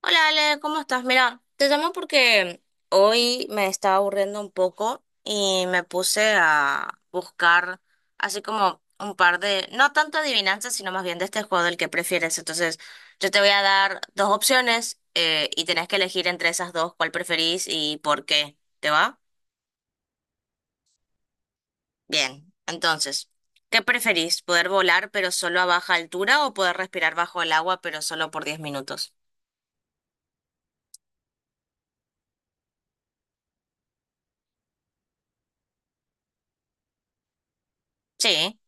Hola Ale, ¿cómo estás? Mira, te llamo porque hoy me estaba aburriendo un poco y me puse a buscar así como un par de, no tanto adivinanzas, sino más bien de este juego del que prefieres. Entonces, yo te voy a dar dos opciones y tenés que elegir entre esas dos cuál preferís y por qué. ¿Te va? Bien, entonces, ¿qué preferís? ¿Poder volar pero solo a baja altura o poder respirar bajo el agua pero solo por 10 minutos? Sí.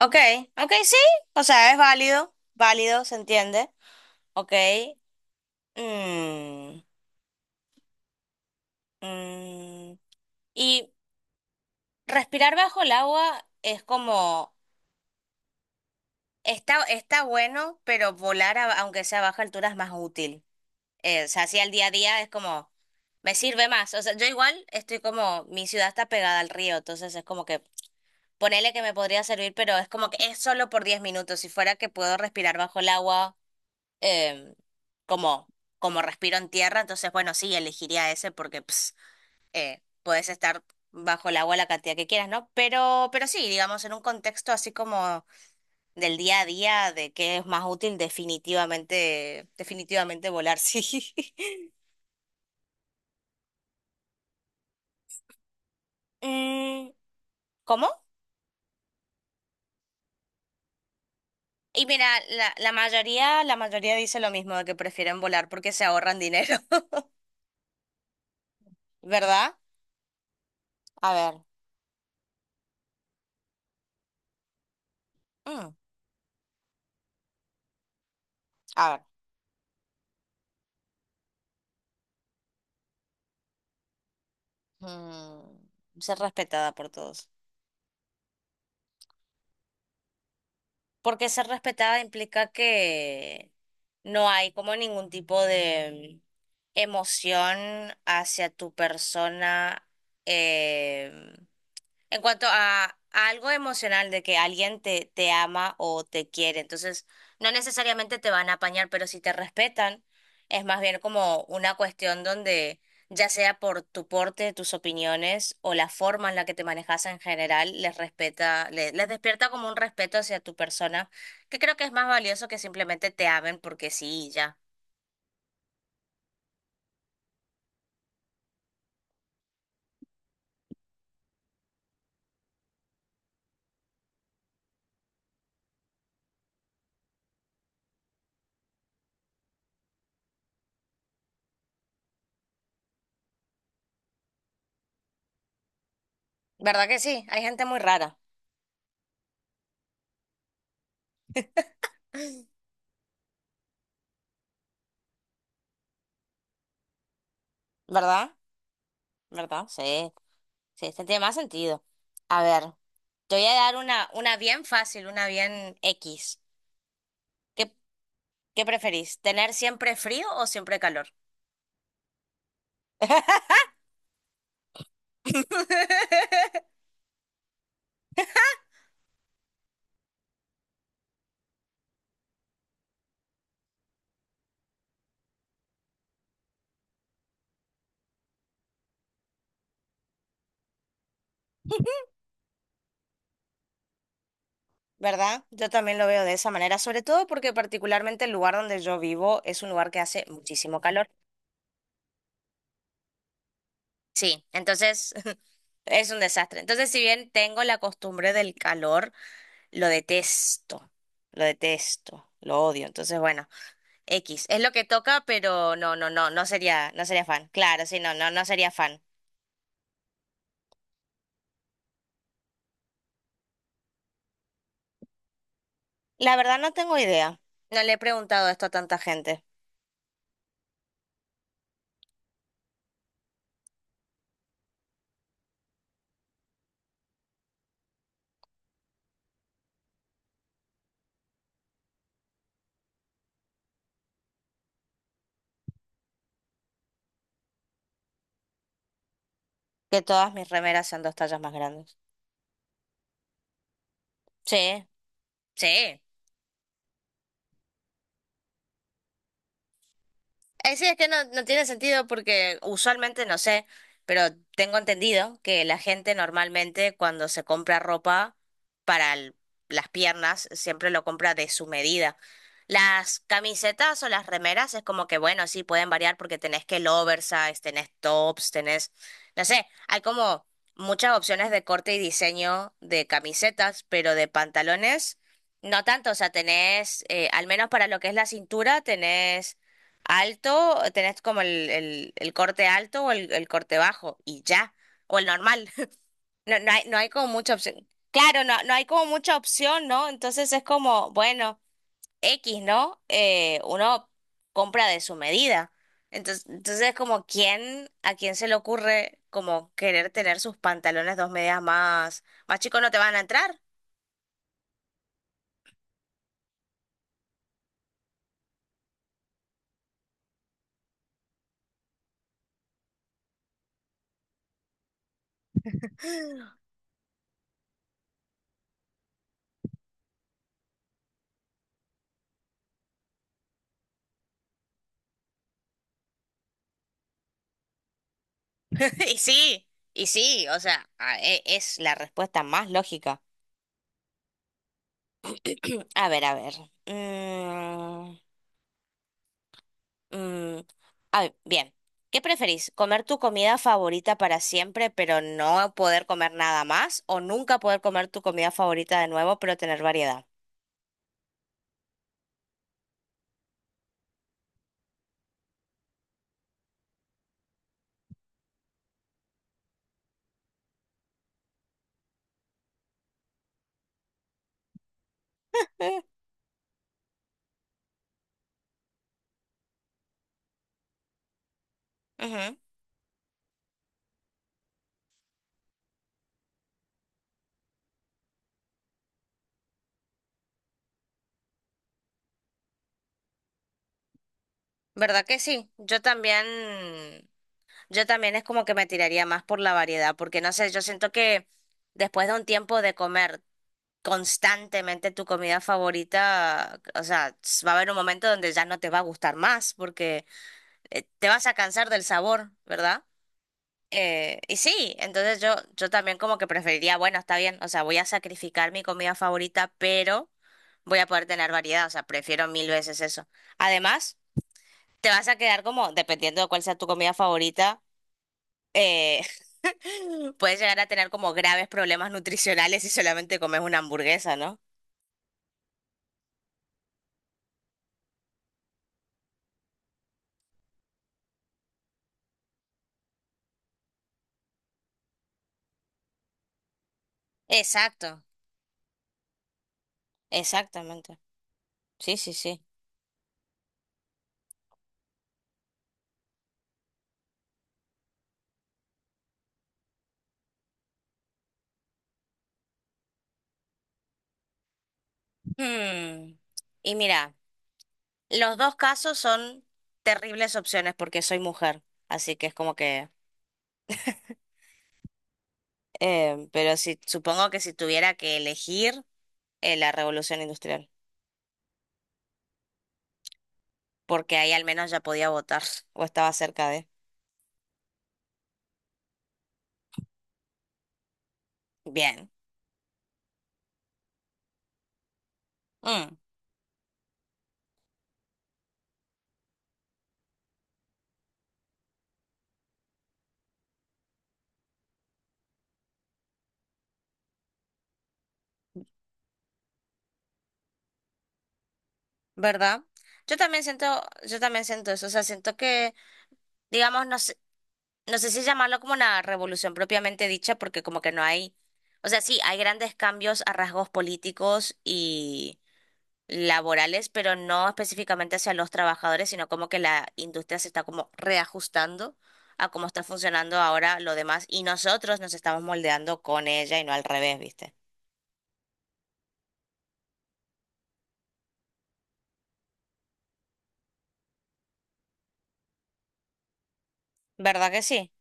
Ok, ok, sí, o sea, es válido, válido, se entiende. Ok. mm, mm, Y respirar bajo el agua es como, está, está bueno, pero volar aunque sea a baja altura es más útil. O sea, así al día a día es como, me sirve más. O sea, yo igual estoy como, mi ciudad está pegada al río, entonces es como que, ponele que me podría servir, pero es como que es solo por 10 minutos. Si fuera que puedo respirar bajo el agua. em, como, como respiro en tierra, entonces, bueno, sí, elegiría ese porque puedes estar bajo el agua la cantidad que quieras, ¿no? Pero sí, digamos, en un contexto así como del día a día, de qué es más útil, definitivamente, definitivamente volar, sí. Mm, ¿cómo? Y mira, la mayoría, la mayoría dice lo mismo, de que prefieren volar porque se ahorran dinero, ¿verdad? A ver, mm, a ver, mm, ser respetada por todos. Porque ser respetada implica que no hay como ningún tipo de emoción hacia tu persona. em, en cuanto a algo emocional de que alguien te ama o te quiere, entonces no necesariamente te van a apañar, pero si te respetan, es más bien como una cuestión donde ya sea por tu porte, tus opiniones o la forma en la que te manejas en general, les respeta, les despierta como un respeto hacia tu persona, que creo que es más valioso que simplemente te amen porque sí, y ya. ¿Verdad que sí? Hay gente muy rara, ¿verdad? ¿Verdad? Sí, sí, este tiene más sentido. A ver. Te voy a dar una bien fácil, una bien X. ¿Qué, ¿qué preferís? ¿Tener siempre frío o siempre calor? ¿Verdad? Yo también lo veo de esa manera, sobre todo porque particularmente el lugar donde yo vivo es un lugar que hace muchísimo calor. Sí, entonces es un desastre. Entonces, si bien tengo la costumbre del calor, lo detesto, lo detesto, lo odio. Entonces, bueno, X, es lo que toca, pero no, no, no, no sería, no sería fan. Claro, sí, no, no, no sería fan. La verdad no tengo idea. No le he preguntado esto a tanta gente. Que todas mis remeras sean dos tallas más grandes. Sí, sí. Sí, es que no, no tiene sentido porque usualmente, no sé, pero tengo entendido que la gente normalmente cuando se compra ropa para el- las piernas siempre lo compra de su medida. Las camisetas o las remeras es como que, bueno, sí, pueden variar porque tenés que el oversize, tenés tops, tenés, no sé, hay como muchas opciones de corte y diseño de camisetas, pero de pantalones no tanto, o sea, tenés, al menos para lo que es la cintura, tenés Alto, tenés como el corte alto o el corte bajo y ya, o el normal. No, no hay, no hay como mucha opción. Claro, no, no hay como mucha opción, ¿no? Entonces es como, bueno, X, ¿no? Uno compra de su medida. Entonces, entonces es como, ¿a quién se le ocurre como querer tener sus pantalones dos medidas más, más chicos no te van a entrar? Y sí, y sí, o sea, es la respuesta más lógica. A ver, a ver. Mm. Mm, a ver, bien. ¿Qué preferís? ¿Comer tu comida favorita para siempre, pero no poder comer nada más? ¿O nunca poder comer tu comida favorita de nuevo, pero tener variedad? Eh, ujú. ¿Verdad que sí? Yo también es como que me tiraría más por la variedad, porque no sé, yo siento que después de un tiempo de comer constantemente tu comida favorita, o sea, va a haber un momento donde ya no te va a gustar más, porque te vas a cansar del sabor, ¿verdad? Y sí, entonces yo también como que preferiría, bueno, está bien, o sea, voy a sacrificar mi comida favorita, pero voy a poder tener variedad, o sea, prefiero mil veces eso. Además, te vas a quedar como, dependiendo de cuál sea tu comida favorita, eh, puedes llegar a tener como graves problemas nutricionales si solamente comes una hamburguesa, ¿no? Exacto, exactamente. Sí, sí, sí. Hmm, y mira, los dos casos son terribles opciones porque soy mujer, así que es como que... pero si, supongo que si tuviera que elegir la revolución industrial, porque ahí al menos ya podía votar o estaba cerca de. Bien, Mm, ¿verdad? Yo también siento, yo también siento eso, o sea, siento que, digamos, no sé, no sé si llamarlo como una revolución propiamente dicha, porque como que no hay, o sea, sí, hay grandes cambios a rasgos políticos laborales, pero no específicamente hacia los trabajadores, sino como que la industria se está como reajustando a cómo está funcionando ahora lo demás y nosotros nos estamos moldeando con ella y no al revés, ¿viste? ¿Verdad que sí?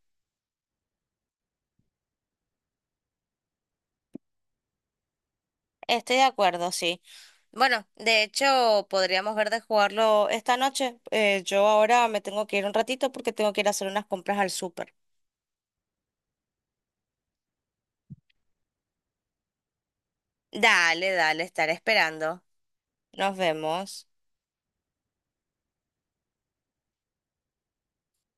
Estoy de acuerdo, sí. Bueno, de hecho, podríamos ver de jugarlo esta noche. Yo ahora me tengo que ir un ratito porque tengo que ir a hacer unas compras al súper. Dale, dale, estaré esperando. Nos vemos.